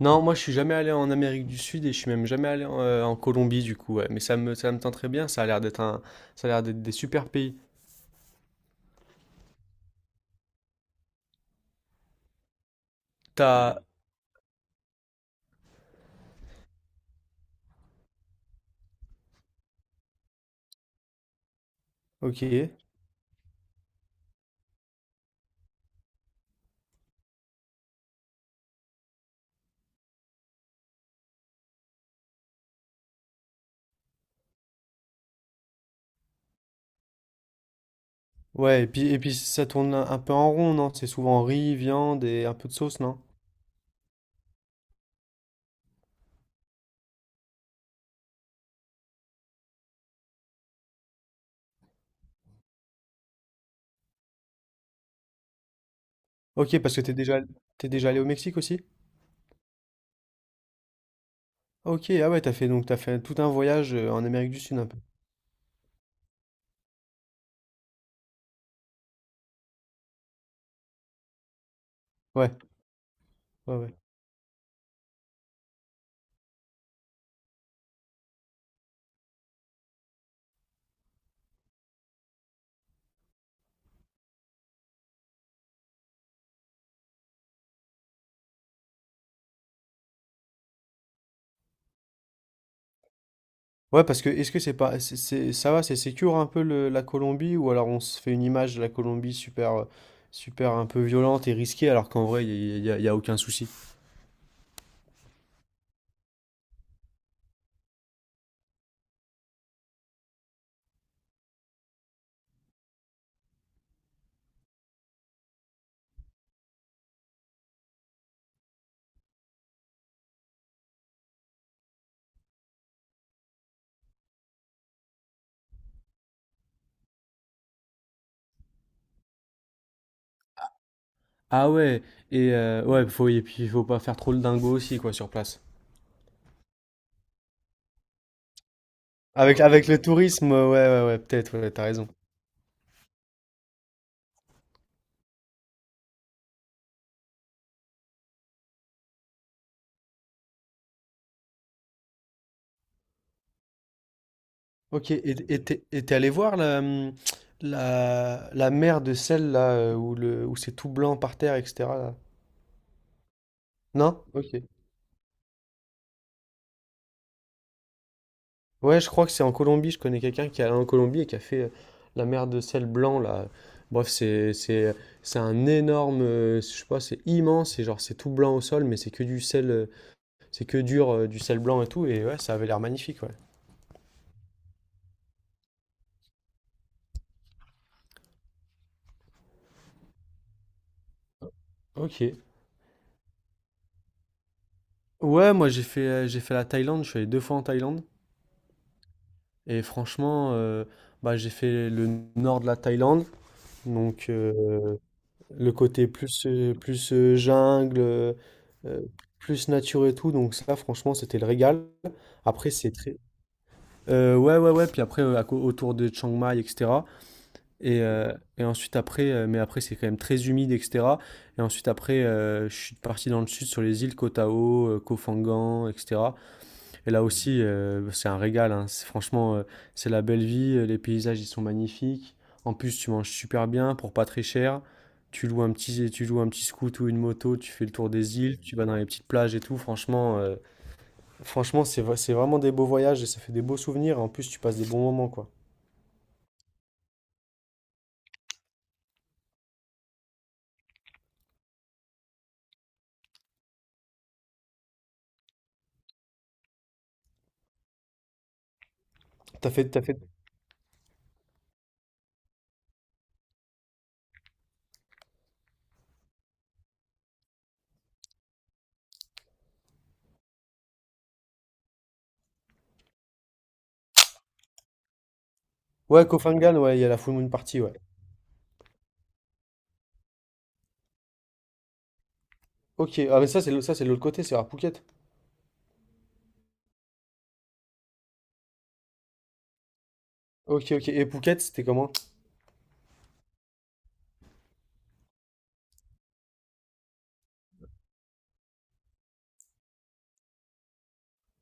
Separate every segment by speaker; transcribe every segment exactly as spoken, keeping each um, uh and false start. Speaker 1: Non, moi je suis jamais allé en Amérique du Sud et je suis même jamais allé en, euh, en Colombie du coup. Ouais. Mais ça me, ça me tente très bien, ça a l'air d'être un, ça a l'air d'être des super pays. T'as... Ok. Ouais, et puis, et puis ça tourne un, un peu en rond, non? C'est souvent riz, viande et un peu de sauce, non? Ok, parce que t'es déjà, t'es déjà allé au Mexique aussi? Ok, ah ouais, t'as fait donc t'as fait tout un voyage euh, en Amérique du Sud un peu. Ouais, ouais, ouais. Ouais, parce que est-ce que c'est pas, c'est, c'est- ça va, c'est sécure un peu le- la Colombie, ou alors on se fait une image de la Colombie super, euh, super un peu violente et risquée, alors qu'en vrai, il n'y a, y a- y a aucun souci. Ah ouais, et euh, ouais, faut, et puis il faut pas faire trop le dingo aussi, quoi, sur place. Avec, avec le tourisme, euh, ouais, ouais, ouais, peut-être, ouais, t'as raison. Ok, et et t'es et t'es allé voir la, hum, la, la mer de sel, là, euh, où, le, où c'est tout blanc par terre, et cetera Là? Non? Ok. Ouais, je crois que c'est en Colombie. Je connais quelqu'un qui est allé en Colombie et qui a fait euh, la mer de sel blanc là. Bref, c'est c'est c'est un énorme, euh, je sais pas, c'est immense et genre c'est tout blanc au sol, mais c'est que du sel, euh, c'est que dur euh, du sel blanc et tout. Et ouais, ça avait l'air magnifique, ouais. Ok. Ouais, moi j'ai fait euh, j'ai fait la Thaïlande. Je suis allé deux fois en Thaïlande et franchement, euh, bah j'ai fait le nord de la Thaïlande, donc euh, le côté plus, euh, plus euh, jungle, euh, euh, plus nature et tout. Donc ça, franchement, c'était le régal. Après, c'est très... Euh, ouais, ouais, ouais. Puis après, euh, à co- autour de Chiang Mai, et cetera. Et, euh, et ensuite, après, euh, mais après, c'est quand même très humide, et cetera. Et ensuite, après, euh, je suis parti dans le sud sur les îles Koh Tao, euh, Koh Phangan, et cetera. Et là aussi, euh, c'est un régal, hein. C'est- Franchement, euh, c'est la belle vie. Euh, les paysages, ils sont magnifiques. En plus, tu manges super bien pour pas très cher. Tu loues un petit, tu loues un petit scoot ou une moto, tu fais le tour des îles, tu vas dans les petites plages et tout. Franchement, euh, franchement, c'est, vra- c'est vraiment des beaux voyages et ça fait des beaux souvenirs. En plus, tu passes des bons moments, quoi. T'as fait, t'as fait. Ouais, Koh Phangan, ouais, il y a la Full Moon Party, ouais. Ok, ah mais ça c'est l'au- ça c'est de l'autre côté, c'est à Phuket. Ok, ok. Et Phuket, c'était comment?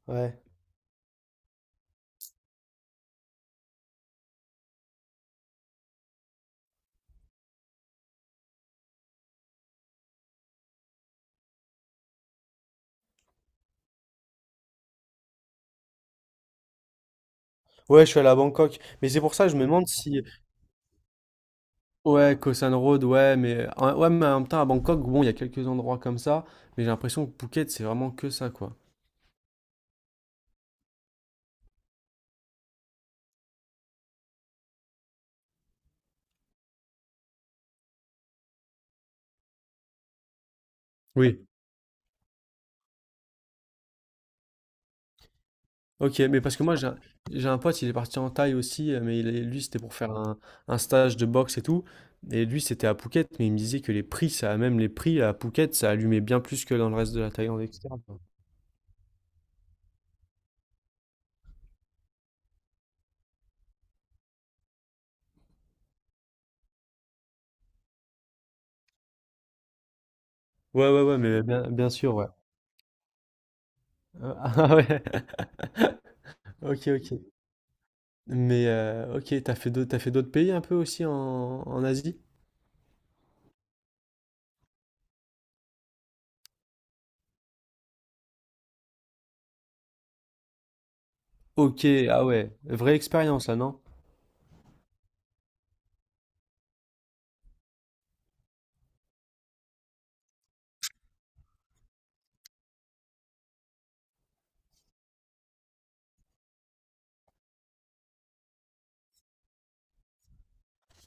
Speaker 1: Ouais. Ouais, je suis allé à Bangkok. Mais c'est pour ça que je me demande si ouais, Koh San Road, ouais, mais en, ouais, mais en même temps, à Bangkok, bon, il y a quelques endroits comme ça, mais j'ai l'impression que Phuket, c'est vraiment que ça, quoi. Oui. Ok, mais parce que moi, j'ai un, j'ai un pote, il est parti en Thaï aussi, euh, mais il est- lui, c'était pour faire un, un stage de boxe et tout, et lui, c'était à Phuket, mais il me disait que les prix, ça, même les prix à Phuket, ça allumait bien plus que dans le reste de la Thaïlande, et cetera, quoi. Ouais, ouais, ouais, mais bien, bien sûr, ouais. Euh, ah ouais. Ok, ok. Mais euh, ok, t'as fait d'autres, t'as fait d'autres pays un peu aussi en, en Asie? Ok, ah ouais, vraie expérience là, non?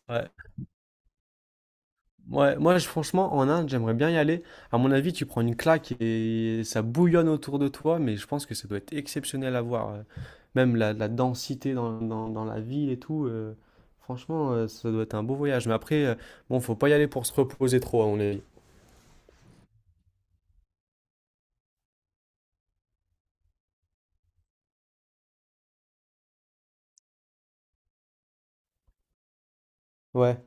Speaker 1: Ouais. Ouais, moi je, franchement en Inde, j'aimerais bien y aller. À mon avis, tu prends une claque et ça bouillonne autour de toi, mais je pense que ça doit être exceptionnel à voir. Euh, même la, la densité dans, dans- dans la ville et tout. Euh, franchement, euh, ça doit être un beau voyage. Mais après, euh, bon, faut pas y aller pour se reposer trop, à mon avis. Ouais.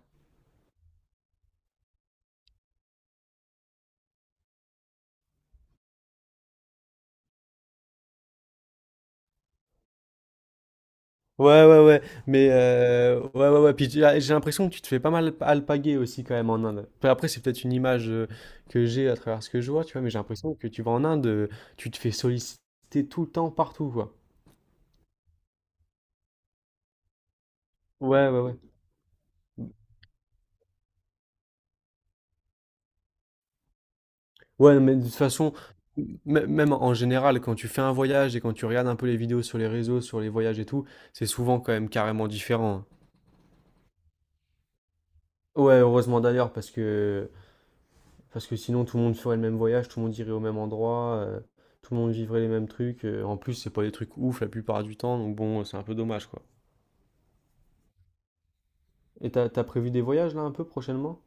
Speaker 1: Ouais, ouais, ouais, mais heu, ouais, ouais, ouais, puis tu as j'ai l'impression que tu te fais pas mal alp alpaguer aussi quand même en Inde. Enfin, après, c'est peut-être une image, heu, que j'ai à travers ce que je vois, tu vois? Mais j'ai l'impression que tu vas en Inde, heu, tu te fais solliciter tout le temps, partout, quoi. Ouais, ouais, ouais. Ouais, non, mais de toute façon, m même en général, quand tu fais un voyage et quand tu regardes un peu les vidéos sur les réseaux, sur les voyages et tout, c'est souvent quand même carrément différent, hein. Ouais, heureusement d'ailleurs parce que parce que sinon, tout le monde ferait le même voyage, tout le monde irait au même endroit, euh, tout le monde vivrait les mêmes trucs. Euh, en plus, c'est pas des trucs ouf la plupart du temps, donc bon, c'est un peu dommage, quoi. Et t'as, t'as prévu des voyages là un peu prochainement?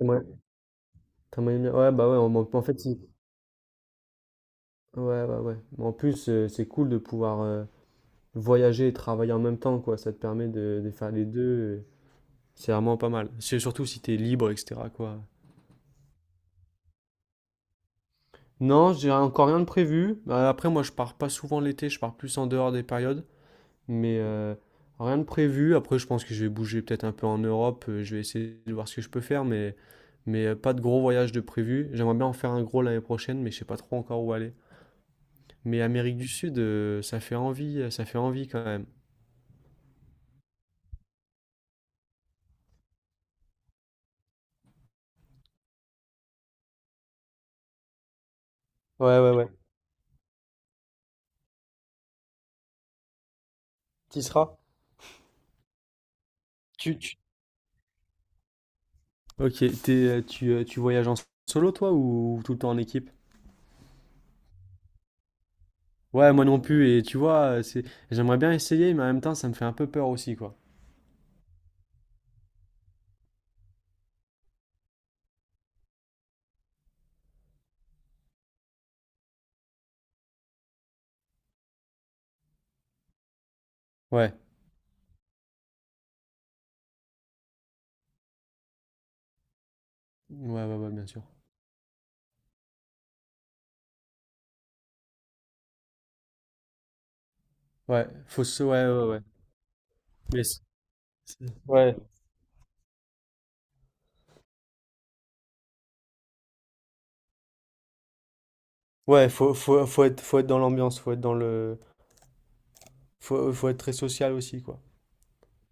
Speaker 1: Ouais. T'as moyen de- Ouais, bah ouais, en, en fait, si. Ouais, ouais, ouais. Mais en plus, euh, c'est cool de pouvoir euh, voyager et travailler en même temps, quoi. Ça te permet de, de faire les deux. Euh, c'est vraiment pas mal. C'est surtout si t'es libre, et cetera, quoi. Non, j'ai encore rien de prévu. Euh, Après, moi, je pars pas souvent l'été, je pars plus en dehors des périodes. Mais euh, rien de prévu. Après, je pense que je vais bouger peut-être un peu en Europe. Euh, je vais essayer de voir ce que je peux faire, mais, mais euh, pas de gros voyage de prévu. J'aimerais bien en faire un gros l'année prochaine, mais je sais pas trop encore où aller. Mais Amérique du Sud, euh, ça fait envie, euh, ça fait envie quand même. Ouais, ouais, ouais. T'y seras? Tu, tu... Ok, t'es, euh, tu, euh, tu voyages en solo toi ou tout le temps en équipe? Ouais, moi non plus. Et tu vois, euh, c'est, j'aimerais bien essayer, mais en même temps, ça me fait un peu peur aussi, quoi. Ouais. Ouais, ouais, ouais, bien sûr. Ouais, faut se, ouais, ouais, ouais. Mais c'est- c'est- ouais. Ouais, faut, faut, faut être, faut être dans l'ambiance, faut être dans le, faut, faut être très social aussi, quoi.